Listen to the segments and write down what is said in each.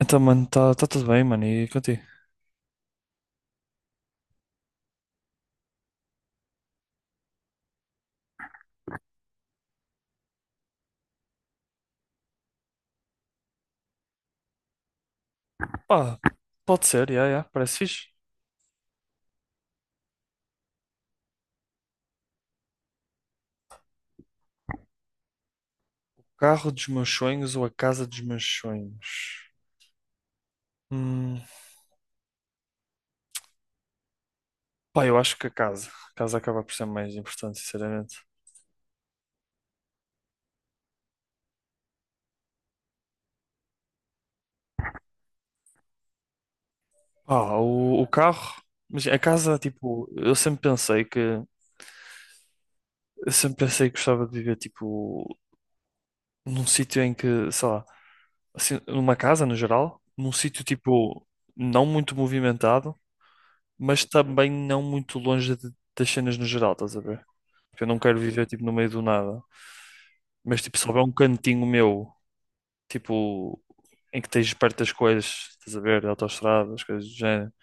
Então, mano, está tá tá tudo bem, mano, e contigo? Pá, pode ser, yeah, yeah, parece fixe. O carro dos meus sonhos ou a casa dos meus sonhos? Hum, pá, eu acho que a casa. A casa acaba por ser mais importante, sinceramente. Pá, o carro, mas a casa, tipo, eu sempre pensei que eu sempre pensei que gostava de viver, tipo, num sítio em que, sei lá, assim, numa casa no geral, num sítio, tipo, não muito movimentado, mas também não muito longe de- das cenas no geral, estás a ver? Porque eu não quero viver, tipo, no meio do nada. Mas, tipo, se houver um cantinho meu, tipo, em que tens perto das coisas, estás a ver, autoestradas, coisas do género.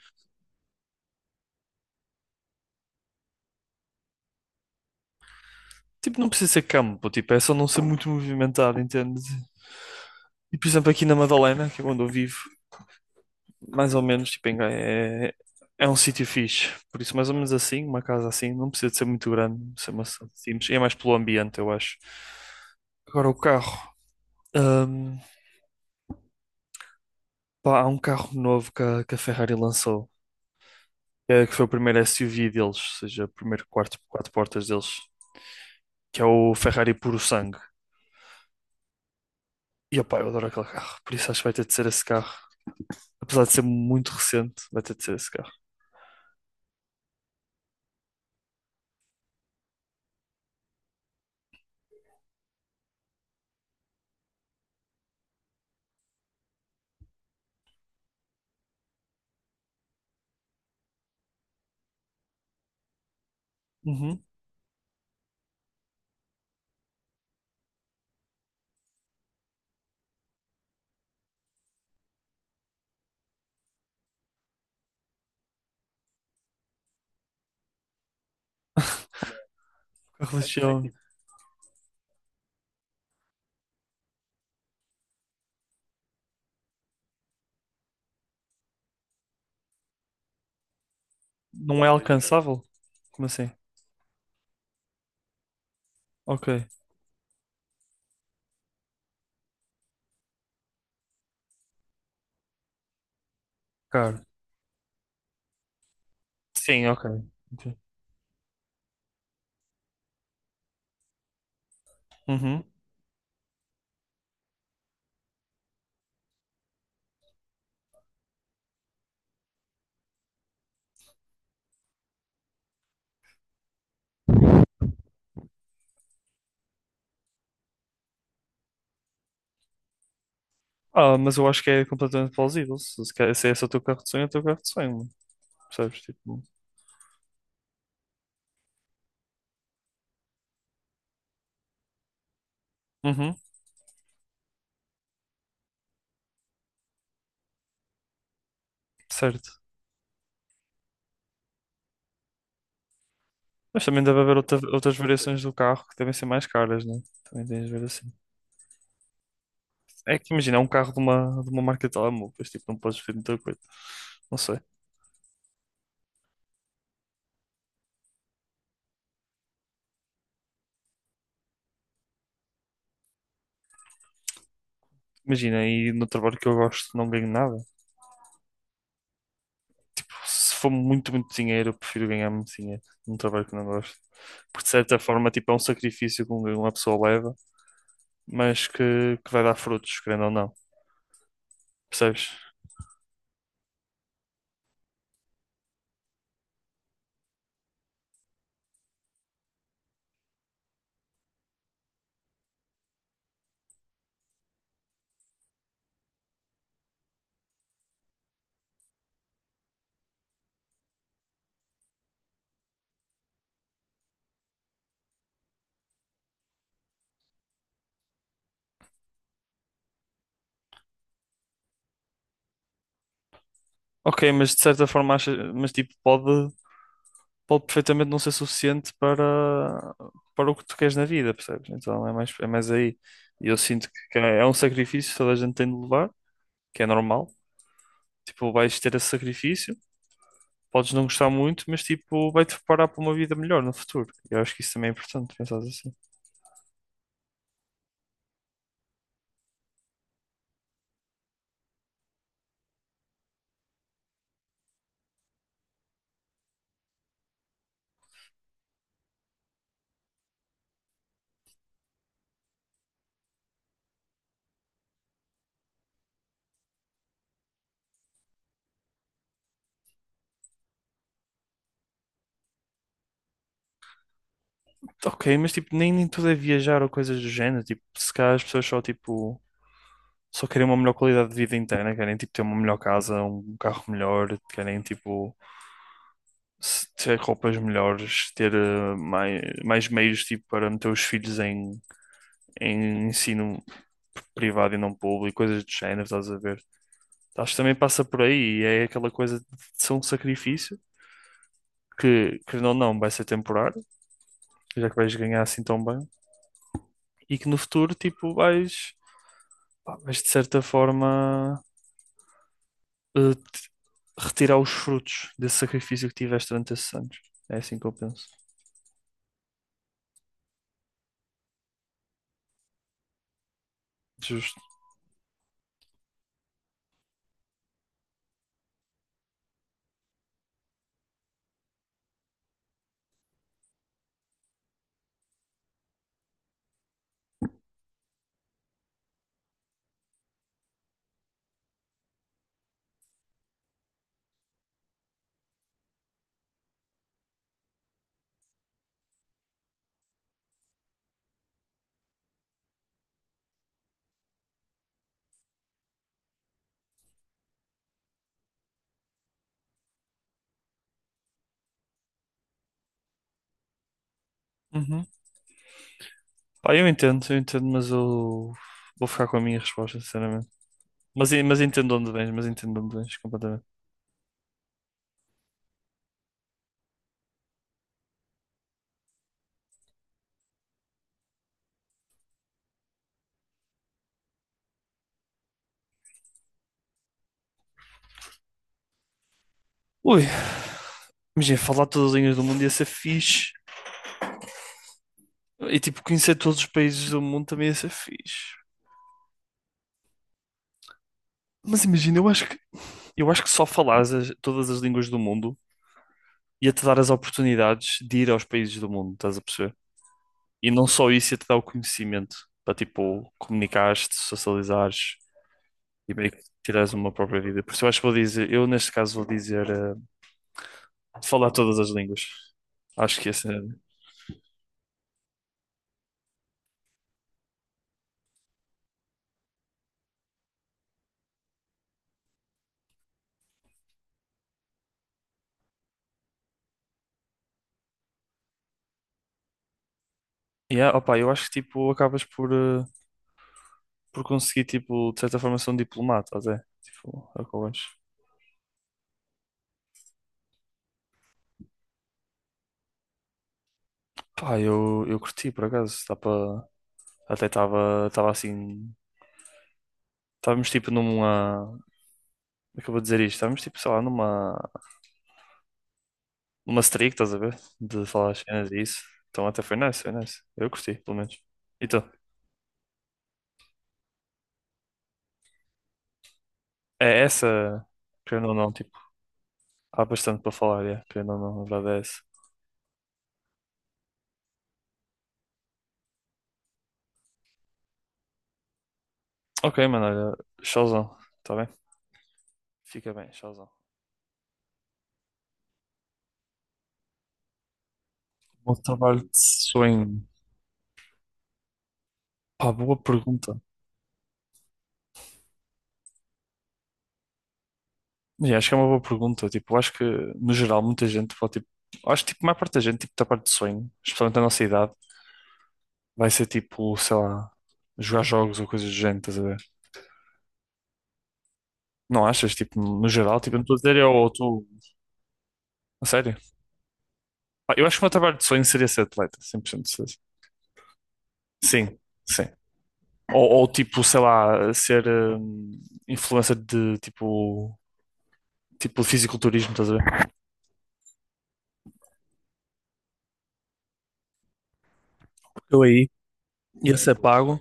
Tipo, não precisa ser campo, tipo, é só não ser muito movimentado, entendes? E, por exemplo, aqui na Madalena, que é onde eu vivo, mais ou menos, tipo, em Gaia é, é um sítio fixe. Por isso, mais ou menos assim, uma casa assim, não precisa de ser muito grande, precisa ser uma cidade simples. É mais pelo ambiente, eu acho. Agora, o carro. Hum, pá, há um carro novo que a Ferrari lançou, é, que foi o primeiro SUV deles, ou seja, o primeiro quarto, quatro portas deles, que é o Ferrari Puro Sangue. E, opá, eu adoro aquele carro, por isso acho que vai ter de ser esse carro. Apesar de ser muito recente, vai ter de ser esse carro. Uhum. A religião não é alcançável? Como assim? Ok, claro. Sim, ok. Ok. Uhum. Ah, mas eu acho que é completamente plausível. Se esse é o teu carro de sonho, é o teu carro de sonho, mano. Percebes? Tipo... Uhum. Certo. Mas também deve haver outra- outras variações do carro que devem ser mais caras, né? Também tens de ver assim. É que imagina, é um carro de uma marca de telemóveis, tipo, não podes ver muita coisa. Não sei. Imagina, e no trabalho que eu gosto não ganho nada. Se for muito, muito dinheiro, eu prefiro ganhar muito dinheiro num trabalho que não gosto. Porque de certa forma, tipo, é um sacrifício que uma pessoa leva, mas que vai dar frutos, querendo ou não. Percebes? Ok, mas de certa forma, acha, mas tipo, pode, pode perfeitamente não ser suficiente para, para o que tu queres na vida, percebes? Então é mais aí. E eu sinto que é um sacrifício que toda a gente tem de levar. Que é normal. Tipo, vais ter esse sacrifício, podes não gostar muito, mas tipo, vai-te preparar para uma vida melhor no futuro. Eu acho que isso também é importante, pensar assim. Ok, mas tipo, nem, nem tudo é viajar ou coisas do género. Tipo, se calhar as pessoas só tipo, só querem uma melhor qualidade de vida interna, querem tipo ter uma melhor casa, um carro melhor, querem tipo se- ter roupas melhores, ter mai- mais, meios tipo, para meter os filhos em, em ensino privado e não público, coisas do género, estás a ver? Acho que também passa por aí e é aquela coisa de ser um sacrifício que não, não, vai ser temporário, já que vais ganhar assim tão bem, e que no futuro, tipo, vais, pá, vais de certa forma te- retirar os frutos desse sacrifício que tiveste durante esses anos. É assim que eu penso. Justo. Uhum. Pá, eu entendo, mas eu vou ficar com a minha resposta, sinceramente. Mas, en- mas entendo onde vens, mas entendo onde vens completamente. Ui, imagina, falar todas as línguas do mundo ia ser fixe. E tipo, conhecer todos os países do mundo também ia ser fixe. Mas imagina, eu acho que só falares as- todas as línguas do mundo ia-te dar as oportunidades de ir aos países do mundo, estás a perceber? E não só isso, ia-te dar o conhecimento para tipo, comunicares-te, socializares e meio que tirares uma própria vida. Por isso eu acho que vou dizer, eu neste caso vou dizer falar todas as línguas. Acho que esse é. Yeah, opa, eu acho que tipo acabas por, por conseguir tipo de certa forma ser um diplomata até. Tipo, é o que eu acho. Pá, eu curti por acaso. Dá pra... Até estava assim. Estávamos tipo numa. Acabou de dizer isto. Estávamos tipo, sei lá, numa uma streak, estás a ver? De falar as cenas e isso. Então até foi nice, foi nice. Eu curti, pelo menos. Então, é essa, querendo ou não, tipo, há bastante para falar, é, querendo ou não, a verdade é essa. Ok, mano, olha, showzão, tá bem? Fica bem, showzão. Bom trabalho de sonho. Pá, boa pergunta. Yeah, acho que é uma boa pergunta. Tipo, acho que, no geral, muita gente pode, tipo, acho que, tipo, a maior parte da gente, tipo, da parte de sonho, especialmente da nossa idade, vai ser, tipo, sei lá, jogar jogos ou coisas do género, estás a ver? Não achas? Tipo, no geral, tipo, eu não estou a dizer eu ou tu. A sério? Pá, eu acho que o meu trabalho de sonho seria ser atleta, 100% de certeza. Sim, sim. Ou, tipo, sei lá, ser influencer de tipo, tipo fisiculturismo, estás a ver? Eu aí ia ser pago.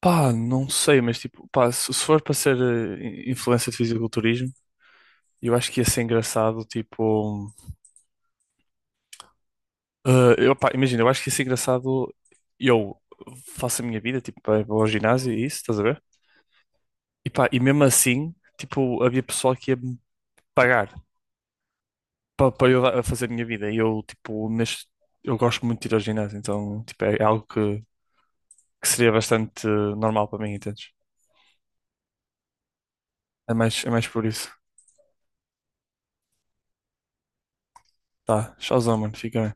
Pá, não sei, mas tipo, pá, se for para ser influencer de fisiculturismo, eu acho que ia ser engraçado, tipo, eh, eu, pá, imagina, eu acho que ia ser engraçado eu faço a minha vida, tipo, vou ao ginásio e isso, estás a ver? E pá, e mesmo assim, tipo, havia pessoal que ia me pagar para eu dar- a fazer a minha vida. E eu, tipo, neste, eu gosto muito de ir ao ginásio, então, tipo, é algo que seria bastante normal para mim, entendes? É mais por isso. Tá, tchauzão, mano, fica bem.